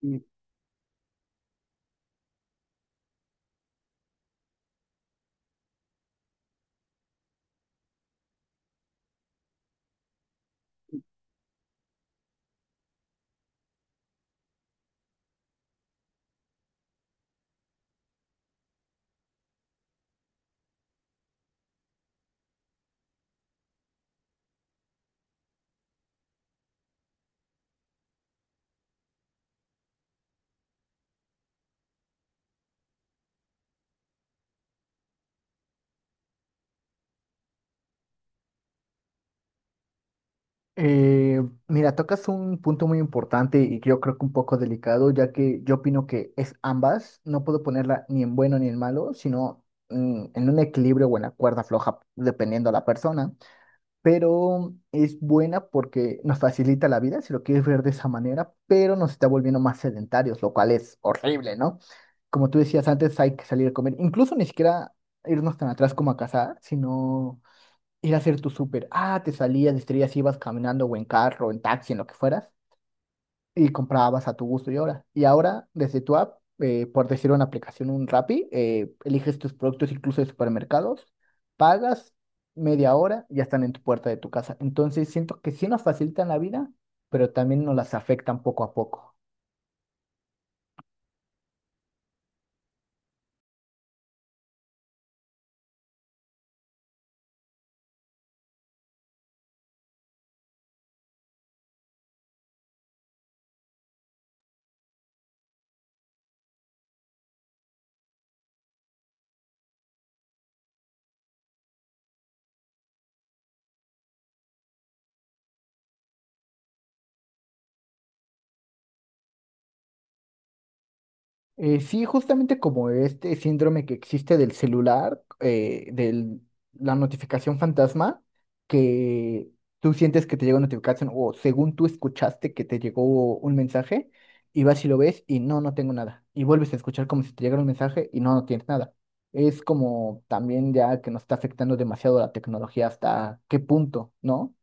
Y, eh, Mira, tocas un punto muy importante y yo creo que un poco delicado, ya que yo opino que es ambas, no puedo ponerla ni en bueno ni en malo, sino en un equilibrio o en la cuerda floja, dependiendo la persona, pero es buena porque nos facilita la vida, si lo quieres ver de esa manera, pero nos está volviendo más sedentarios, lo cual es horrible, ¿no? Como tú decías antes, hay que salir a comer, incluso ni siquiera irnos tan atrás como a cazar, sino ir a hacer tu súper. Ah, te salías, distraías, ibas caminando o en carro, en taxi, en lo que fueras, y comprabas a tu gusto y ahora. Y ahora, desde tu app, por decir una aplicación, un Rappi, eliges tus productos incluso de supermercados, pagas media hora y ya están en tu puerta de tu casa. Entonces, siento que sí nos facilitan la vida, pero también nos las afectan poco a poco. Sí, justamente como este síndrome que existe del celular, de la notificación fantasma, que tú sientes que te llega una notificación o según tú escuchaste que te llegó un mensaje y vas y lo ves y no, no tengo nada. Y vuelves a escuchar como si te llegara un mensaje y no, no tienes nada. Es como también ya que nos está afectando demasiado la tecnología hasta qué punto, ¿no?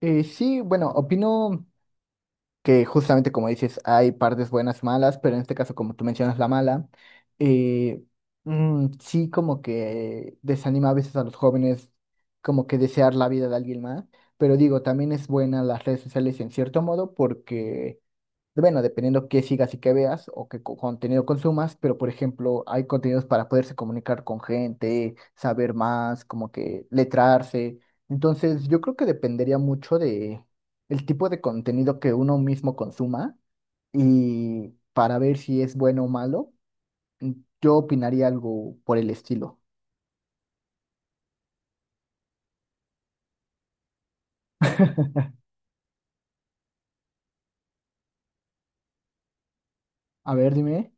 Sí, bueno, opino que justamente como dices, hay partes buenas, malas, pero en este caso, como tú mencionas, la mala, eh, sí como que desanima a veces a los jóvenes como que desear la vida de alguien más, pero digo, también es buena las redes sociales en cierto modo porque bueno, dependiendo qué sigas y qué veas o qué contenido consumas, pero por ejemplo, hay contenidos para poderse comunicar con gente, saber más, como que letrarse. Entonces, yo creo que dependería mucho de el tipo de contenido que uno mismo consuma y para ver si es bueno o malo, yo opinaría algo por el estilo. A ver, dime.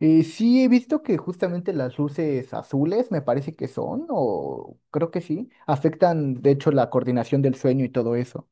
Sí, he visto que justamente las luces azules, me parece que son, o creo que sí, afectan de hecho la coordinación del sueño y todo eso.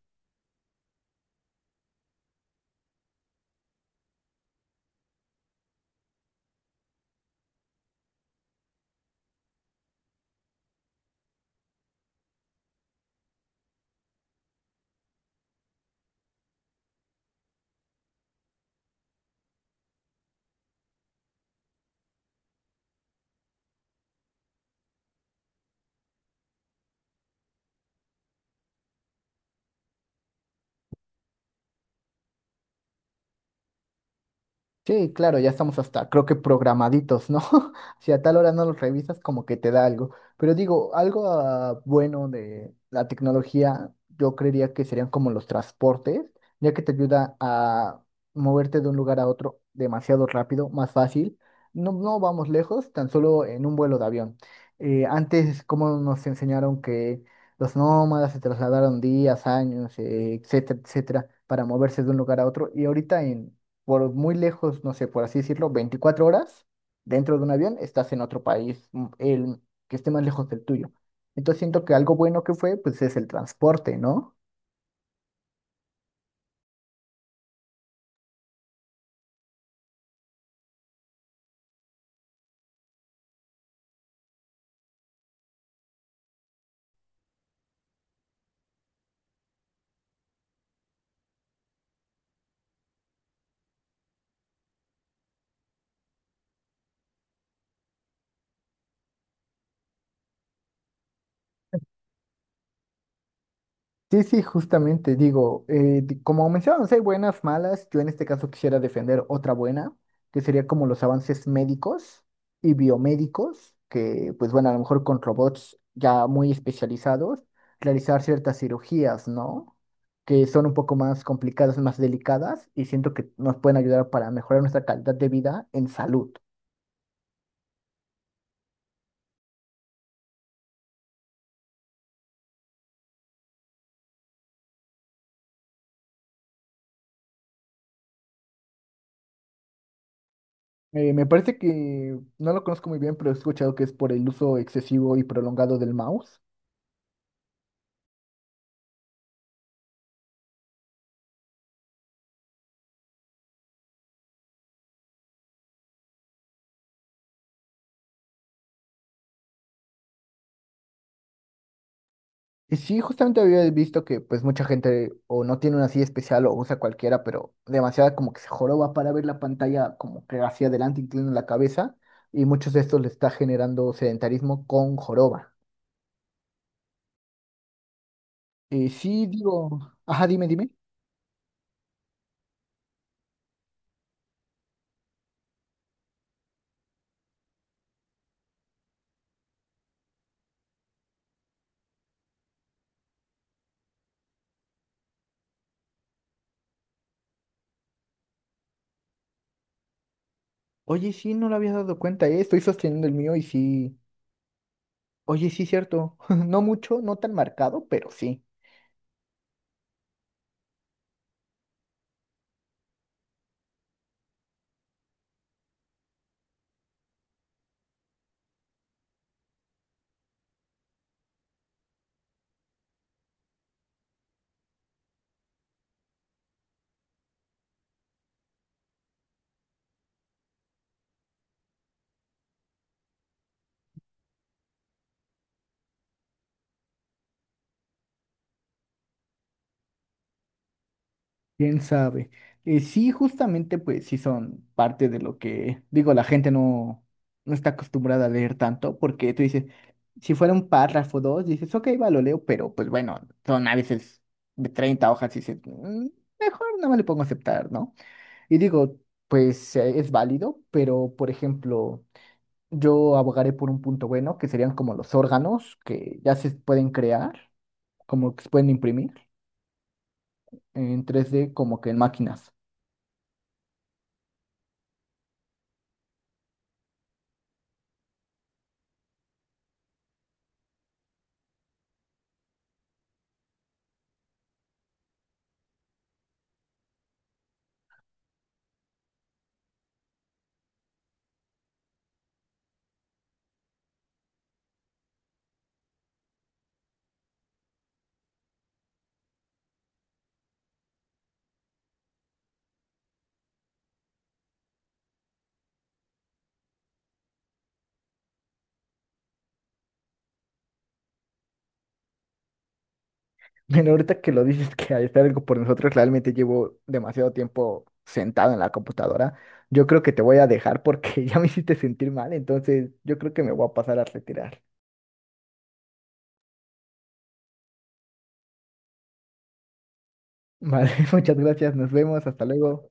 Sí, claro, ya estamos hasta, creo que programaditos, ¿no? Si a tal hora no los revisas, como que te da algo. Pero digo, algo bueno de la tecnología, yo creería que serían como los transportes, ya que te ayuda a moverte de un lugar a otro demasiado rápido, más fácil. No, no vamos lejos, tan solo en un vuelo de avión. Antes, como nos enseñaron que los nómadas se trasladaron días, años, etcétera, etcétera, para moverse de un lugar a otro, y ahorita en por muy lejos, no sé, por así decirlo, 24 horas dentro de un avión, estás en otro país, el que esté más lejos del tuyo. Entonces siento que algo bueno que fue, pues es el transporte, ¿no? Sí, sí, justamente, digo, como mencionamos, hay buenas, malas, yo en este caso quisiera defender otra buena, que sería como los avances médicos y biomédicos, que pues bueno, a lo mejor con robots ya muy especializados, realizar ciertas cirugías, ¿no? Que son un poco más complicadas, más delicadas, y siento que nos pueden ayudar para mejorar nuestra calidad de vida en salud. Me parece que no lo conozco muy bien, pero he escuchado que es por el uso excesivo y prolongado del mouse. Y sí, justamente había visto que pues mucha gente o no tiene una silla especial o usa cualquiera, pero demasiada como que se joroba para ver la pantalla como que hacia adelante inclina la cabeza y muchos de estos le está generando sedentarismo con joroba. Y sí, digo, ajá, dime, dime. Oye, sí, no lo había dado cuenta, estoy sosteniendo el mío y sí. Oye, sí, cierto. No mucho, no tan marcado, pero sí. Quién sabe. Sí, justamente, pues sí son parte de lo que, digo, la gente no, no está acostumbrada a leer tanto, porque tú dices, si fuera un párrafo o dos, dices, ok, va, lo leo, pero pues bueno, son a veces de 30 hojas y dices, "Mm, mejor nada más le pongo aceptar, ¿no? Y digo, pues es válido, pero por ejemplo, yo abogaré por un punto bueno, que serían como los órganos que ya se pueden crear, como que se pueden imprimir en 3D como que en máquinas. Bueno, ahorita que lo dices que hay está algo por nosotros, realmente llevo demasiado tiempo sentado en la computadora. Yo creo que te voy a dejar porque ya me hiciste sentir mal, entonces yo creo que me voy a pasar a retirar. Vale, muchas gracias, nos vemos, hasta luego.